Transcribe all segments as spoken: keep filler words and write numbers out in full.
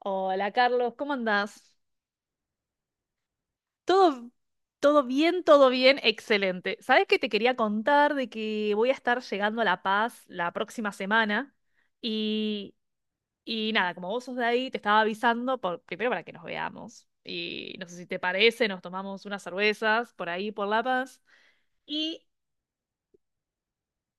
Hola Carlos, ¿cómo andás? Todo, todo bien, todo bien, excelente. ¿Sabes que te quería contar de que voy a estar llegando a La Paz la próxima semana? Y, y nada, como vos sos de ahí, te estaba avisando por- primero para que nos veamos. Y no sé si te parece, nos tomamos unas cervezas por ahí, por La Paz. Y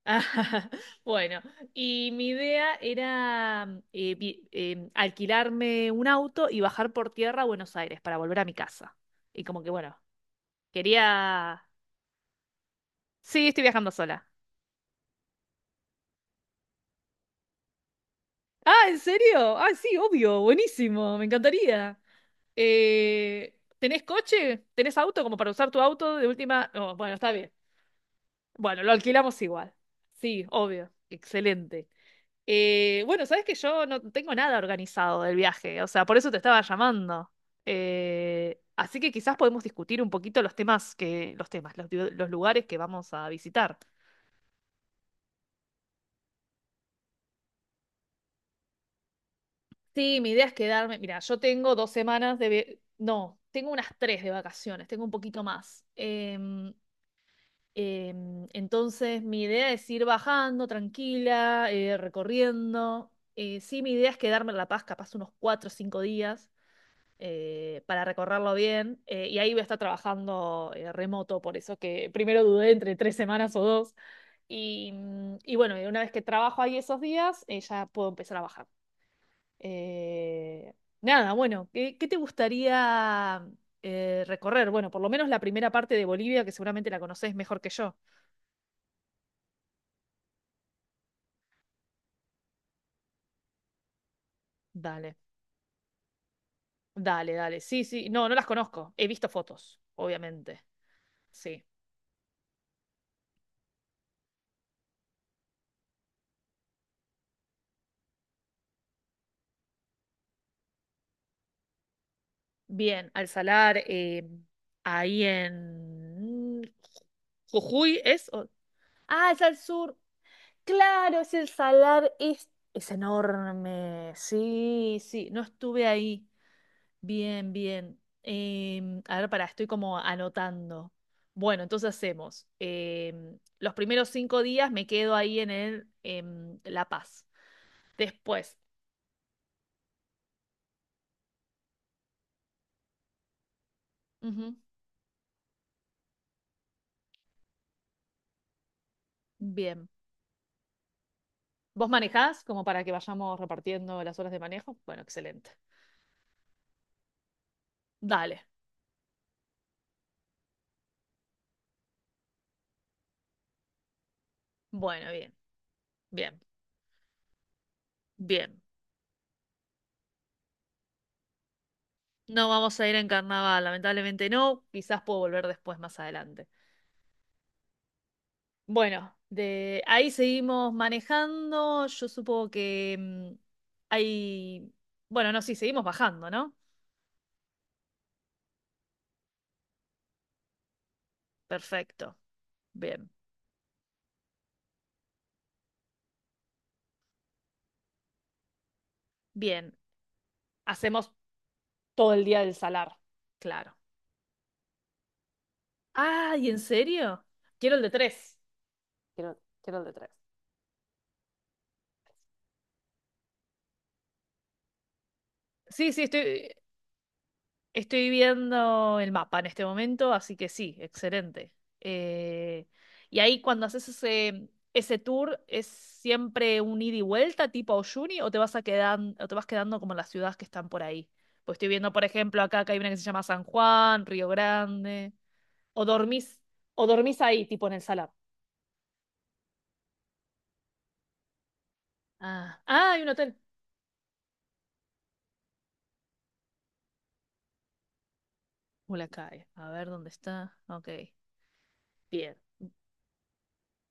Ah, Bueno, y mi idea era mm, eh, vi- em, alquilarme un auto y bajar por tierra a Buenos Aires para volver a mi casa. Y como que, bueno, quería. Sí, estoy viajando sola. Ah, ¿en serio? Ah, sí, obvio, buenísimo, me encantaría. Eh, ¿tenés coche? ¿Tenés auto como para usar tu auto de última? Oh, bueno, está bien. Bueno, lo alquilamos igual. Sí, obvio, excelente. Eh, bueno, sabes que yo no tengo nada organizado del viaje, o sea, por eso te estaba llamando. Eh, así que quizás podemos discutir un poquito los temas que, los temas, los, lu- los lugares que vamos a visitar. Sí, mi idea es quedarme. Mira, yo tengo dos semanas de, ve- no, tengo unas tres de vacaciones, tengo un poquito más. Em, em, entonces, mi idea es ir bajando tranquila, eh, recorriendo. Eh, sí, mi idea es quedarme en La Paz, capaz unos cuatro o cinco días. eh, para recorrerlo bien. eh, y ahí voy a estar trabajando eh, remoto, por eso que primero dudé entre tres semanas o dos. Y, mm, y bueno, y una vez que trabajo ahí esos días, eh, ya puedo empezar a bajar. Eh, nada, bueno, ¿qué, qué te gustaría eh, recorrer? Bueno, por lo menos la primera parte de Bolivia, que seguramente la conoces mejor que yo. Dale, dale, dale. Sí, sí, no, no las conozco. He visto fotos, obviamente. Sí. Bien, al salar, eh, ahí en Jujuy es... o- Ah, es al sur. Claro, es el salar, es, es enorme. Sí, sí, no estuve ahí. Bien, bien. Em, a ver, pará, estoy como anotando. Bueno, entonces hacemos. em, los primeros cinco días me quedo ahí en el, em, La Paz. Después. Ujú. Bien. ¿Vos manejás como para que vayamos repartiendo las horas de manejo? Bueno, excelente. Dale. Bueno, bien, bien, bien. No vamos a ir en carnaval, lamentablemente no. Quizás puedo volver después, más adelante. Bueno, de ahí seguimos manejando. Yo supongo que mm, hay. Bueno, no, sí, seguimos bajando, ¿no? Perfecto. Bien, bien. Hacemos todo el día del salar, claro. Ah, ¿y en serio? Quiero el de tres. Quiero, quiero el de tres. Sí, sí, estoy. Estoy viendo el mapa en este momento, así que sí, excelente. Eh, y ahí cuando haces ese, ese tour, ¿es siempre un ida y vuelta tipo Oyuni o te vas a quedan- o te vas quedando como en las ciudades que están por ahí? Pues estoy viendo, por ejemplo, acá que hay una que se llama San Juan, Río Grande. O dormís, o dormís ahí, tipo en el salar. Ah, ah, hay un hotel. Ulacae. A ver dónde está. Ok. Bien,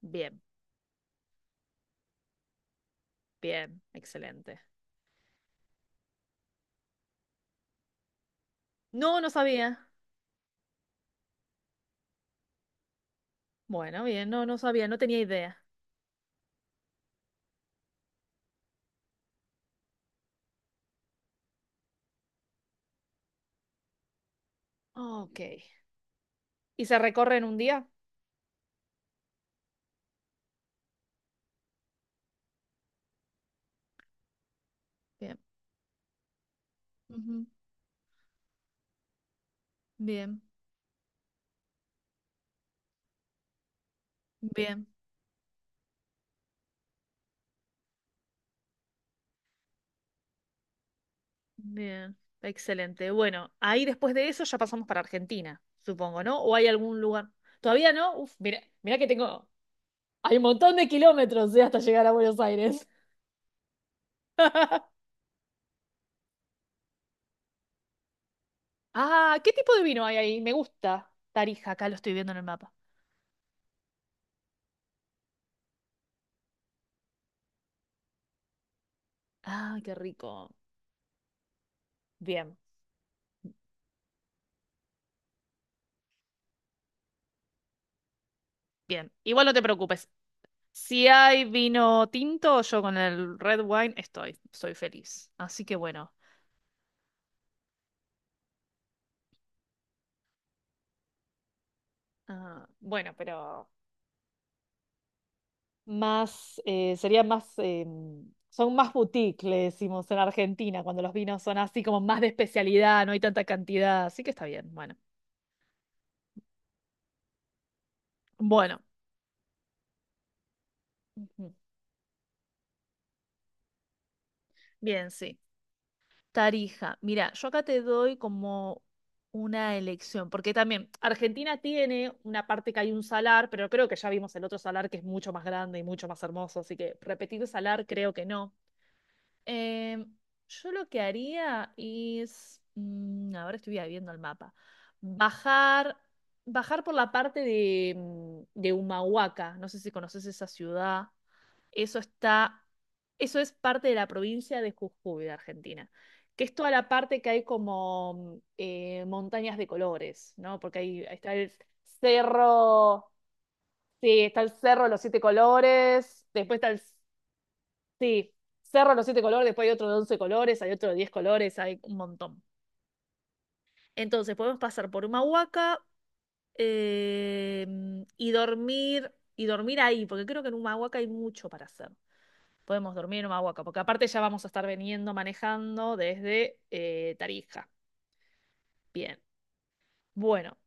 bien, bien. Excelente. No, no sabía. Bueno, bien, no, no sabía, no tenía idea. Ok. ¿Y se recorre en un día? Bien. Ujú. Bien, bien, bien. Excelente. Bueno, ahí después de eso ya pasamos para Argentina, supongo, ¿no? ¿O hay algún lugar? Todavía no. Uf, mira, mira que tengo. Hay un montón de kilómetros, eh, hasta llegar a Buenos Aires. Ah, ¿qué tipo de vino hay ahí? Me gusta. Tarija, acá lo estoy viendo en el mapa. Ah, qué rico. Bien, bien. Igual no te preocupes. Si hay vino tinto, yo con el red wine estoy, estoy feliz. Así que bueno, ah, bueno, pero más, eh, sería más, em, son más boutique, le decimos en Argentina, cuando los vinos son así como más de especialidad, no hay tanta cantidad, así que está bien, bueno. Bueno, ujú, bien, sí. Tarija. Mira, yo acá te doy como una elección, porque también Argentina tiene una parte que hay un salar, pero creo que ya vimos el otro salar que es mucho más grande y mucho más hermoso, así que repetir salar creo que no. Eh, yo lo que haría es, mm, ahora estoy viendo el mapa, bajar, bajar por la parte de, mm, de Humahuaca, no sé si conoces esa ciudad. Eso está, eso es parte de la provincia de Jujuy, de Argentina, que es toda la parte que hay como mm, eh, montañas de colores, ¿no? Porque ahí, ahí está el cerro, sí, está el cerro de los siete colores, después está el, sí, cerro de los siete colores, después hay otro de once colores, hay otro de diez colores, hay un montón. Entonces podemos pasar por una huaca y dormir, y dormir ahí, porque creo que en Humahuaca hay mucho para hacer. Podemos dormir en Humahuaca, porque aparte ya vamos a estar veniendo manejando desde eh, Tarija. Bien. Bueno,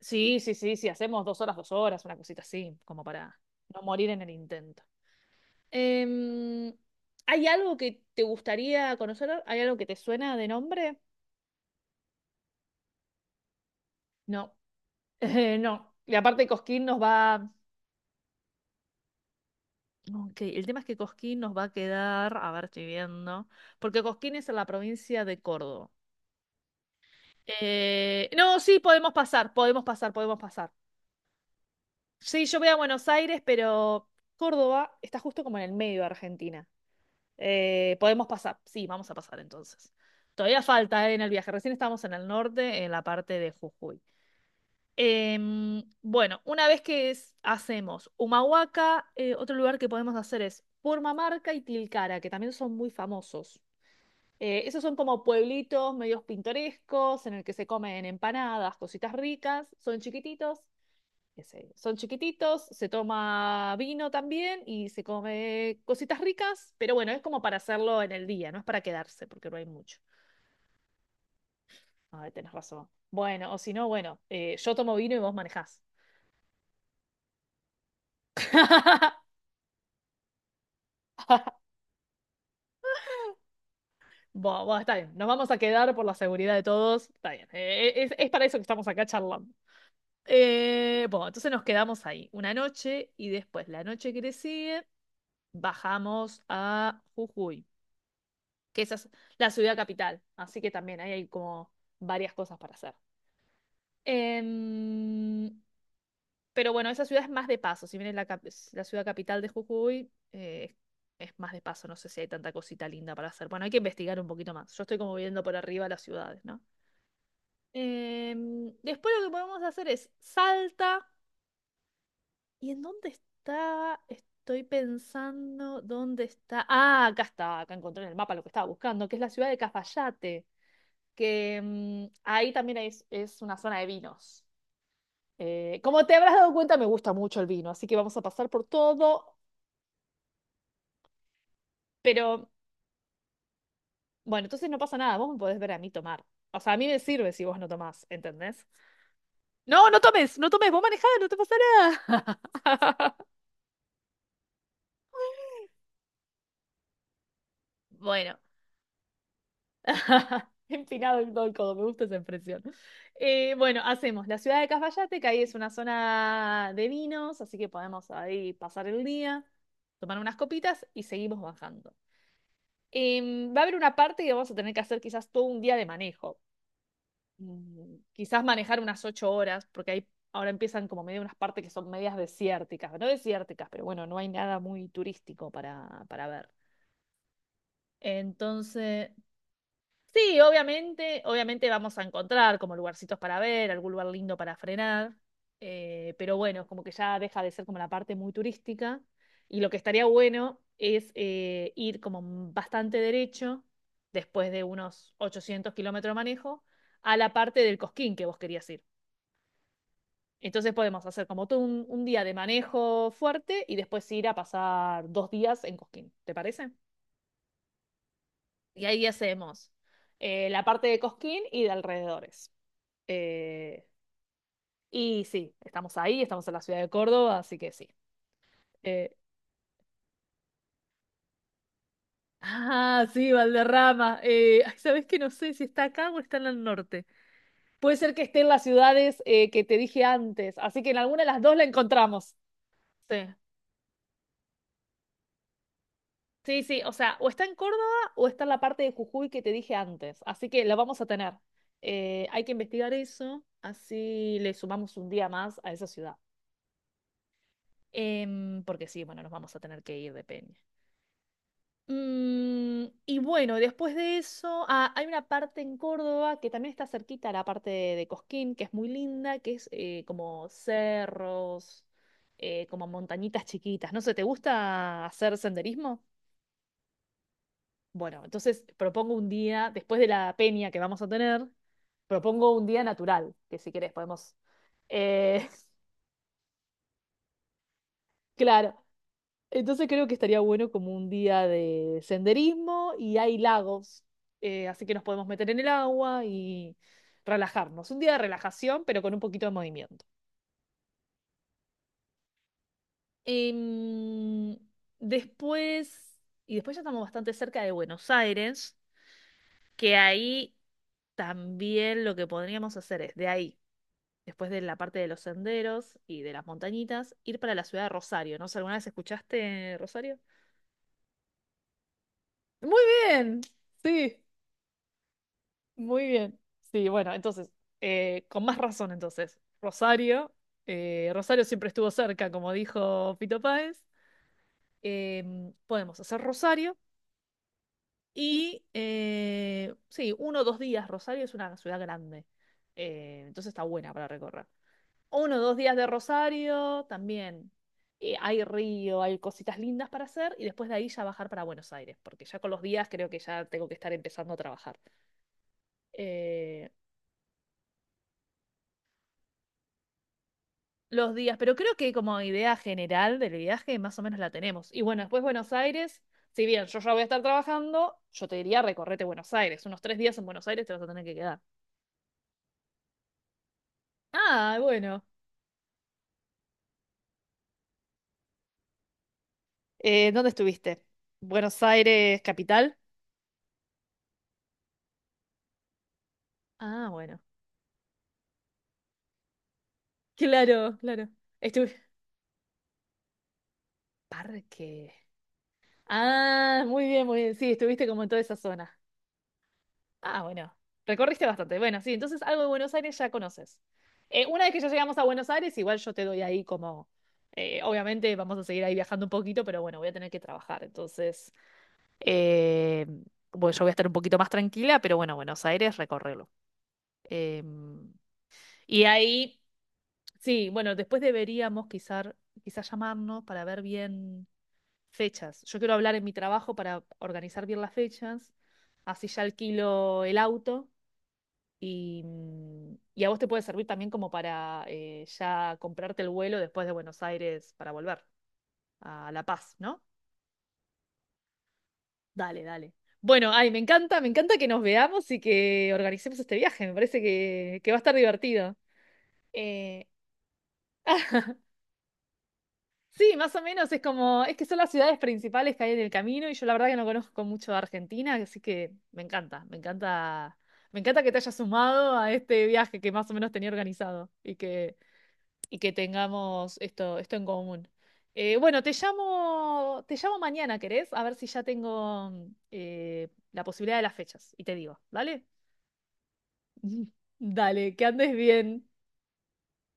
sí, sí, sí, sí, hacemos dos horas, dos horas, una cosita así, como para no morir en el intento. Em, ¿hay algo que te gustaría conocer? ¿Hay algo que te suena de nombre? No, Eh, no. Y aparte Cosquín nos va. Ok, el tema es que Cosquín nos va a quedar, a ver, estoy viendo, porque Cosquín es en la provincia de Córdoba. Eh, no, sí, podemos pasar, podemos pasar, podemos pasar. Sí, yo voy a Buenos Aires, pero Córdoba está justo como en el medio de Argentina. Eh, podemos pasar, sí, vamos a pasar entonces. Todavía falta, eh, en el viaje, recién estamos en el norte, en la parte de Jujuy. Em, bueno, una vez que es- hacemos Humahuaca, eh, otro lugar que podemos hacer es Purmamarca y Tilcara, que también son muy famosos. Eh, esos son como pueblitos medios pintorescos en el que se comen empanadas, cositas ricas, son chiquititos, qué sé yo, son chiquititos, se toma vino también y se come cositas ricas, pero bueno, es como para hacerlo en el día, no es para quedarse, porque no hay mucho. Ay, tenés razón. Bueno, o si no, bueno, eh, yo tomo vino y vos manejás. Bueno, bueno, está bien, nos vamos a quedar por la seguridad de todos, está bien, Eh, es, es para eso que estamos acá charlando. Eh, bueno, entonces nos quedamos ahí una noche y después la noche que le sigue bajamos a Jujuy, que esa es la ciudad capital, así que también ahí hay como varias cosas para hacer. Em, pero bueno, esa ciudad es más de paso, si bien es la, cap- es la ciudad capital de Jujuy, eh, es más de paso, no sé si hay tanta cosita linda para hacer. Bueno, hay que investigar un poquito más, yo estoy como viendo por arriba las ciudades, ¿no? Em, después lo que podemos hacer es Salta. ¿Y en dónde está? Estoy pensando dónde está. Ah, acá está, acá encontré en el mapa lo que estaba buscando, que es la ciudad de Cafayate, que mm, ahí también es, es una zona de vinos. Eh, como te habrás dado cuenta, me gusta mucho el vino, así que vamos a pasar por todo, pero bueno, entonces no pasa nada, vos me podés ver a mí tomar. O sea, a mí me sirve si vos no tomás, ¿entendés? No, no tomes, no tomes, vos manejás, no te pasa nada. Bueno, Empinado en todo el codo, me gusta esa expresión. Eh, bueno, hacemos la ciudad de Cafayate, que ahí es una zona de vinos, así que podemos ahí pasar el día, tomar unas copitas y seguimos bajando. Em, va a haber una parte que vamos a tener que hacer quizás todo un día de manejo. Mm, Quizás manejar unas ocho horas, porque ahí ahora empiezan como medio unas partes que son medias desérticas, no desérticas, pero bueno, no hay nada muy turístico para, para ver. Entonces, sí, obviamente, obviamente vamos a encontrar como lugarcitos para ver, algún lugar lindo para frenar, eh, pero bueno, como que ya deja de ser como la parte muy turística y lo que estaría bueno es eh, ir como bastante derecho, después de unos ochocientos kilómetros de manejo, a la parte del Cosquín que vos querías ir. Entonces podemos hacer como todo un, un día de manejo fuerte y después ir a pasar dos días en Cosquín, ¿te parece? Y ahí hacemos eh, la parte de Cosquín y de alrededores. Eh, y sí, estamos ahí, estamos en la ciudad de Córdoba, así que sí. Eh, ah, sí, Valderrama. Eh, ay, ¿sabes que no sé si está acá o está en el norte? Puede ser que esté en las ciudades eh, que te dije antes, así que en alguna de las dos la encontramos. Sí. Sí, sí, o sea, o está en Córdoba o está en la parte de Jujuy que te dije antes, así que la vamos a tener. Eh, hay que investigar eso, así le sumamos un día más a esa ciudad. Em, porque sí, bueno, nos vamos a tener que ir de Peña. Mm, y bueno, después de eso, ah, hay una parte en Córdoba que también está cerquita a la parte de, de Cosquín, que es muy linda, que es eh, como cerros, eh, como montañitas chiquitas. No sé, ¿te gusta hacer senderismo? Bueno, entonces propongo un día, después de la peña que vamos a tener, propongo un día natural, que si querés podemos... eh, claro. Entonces creo que estaría bueno como un día de senderismo y hay lagos, eh, así que nos podemos meter en el agua y relajarnos. Un día de relajación, pero con un poquito de movimiento. Em, Después, y después ya estamos bastante cerca de Buenos Aires, que ahí también lo que podríamos hacer es de ahí, después de la parte de los senderos y de las montañitas, ir para la ciudad de Rosario. No sé, ¿alguna vez escuchaste Rosario? Muy bien, sí. Muy bien. Sí, bueno, entonces, eh, con más razón entonces. Rosario, eh, Rosario siempre estuvo cerca, como dijo Pito Páez. Em, podemos hacer Rosario y, eh, sí, uno o dos días. Rosario es una ciudad grande, eh, entonces está buena para recorrer. Uno o dos días de Rosario también. Eh, hay río, hay cositas lindas para hacer y después de ahí ya bajar para Buenos Aires, porque ya con los días creo que ya tengo que estar empezando a trabajar. Eh, los días, pero creo que como idea general del viaje más o menos la tenemos. Y bueno, después Buenos Aires, si bien yo ya voy a estar trabajando, yo te diría recorrete Buenos Aires. Unos tres días en Buenos Aires te vas a tener que quedar. Ah, bueno. Eh, ¿dónde estuviste? ¿Buenos Aires capital? Ah, bueno. Claro, claro. Estuve... Parque. Ah, muy bien, muy bien. Sí, estuviste como en toda esa zona. Ah, bueno, recorriste bastante. Bueno, sí, entonces algo de Buenos Aires ya conoces. Eh, una vez que ya llegamos a Buenos Aires, igual yo te doy ahí como, eh, obviamente vamos a seguir ahí viajando un poquito, pero bueno, voy a tener que trabajar. Entonces, eh, bueno, yo voy a estar un poquito más tranquila, pero bueno, Buenos Aires, recorrerlo. Em, y ahí, sí, bueno, después deberíamos quizás quizás llamarnos para ver bien fechas. Yo quiero hablar en mi trabajo para organizar bien las fechas, así ya alquilo el auto y, mm, y a vos te puede servir también como para eh, ya comprarte el vuelo después de Buenos Aires para volver a La Paz, ¿no? Dale, dale. Bueno, ay, me encanta, me encanta que nos veamos y que organicemos este viaje. Me parece que, que va a estar divertido. Eh, sí, más o menos es como, es que son las ciudades principales que hay en el camino y yo la verdad que no conozco mucho de Argentina, así que me encanta, me encanta, me encanta que te hayas sumado a este viaje que más o menos tenía organizado y que y que tengamos esto, esto en común. Eh, bueno, te llamo, te llamo mañana, ¿querés? A ver si ya tengo mm, eh, la posibilidad de las fechas y te digo, ¿vale? Dale, que andes bien.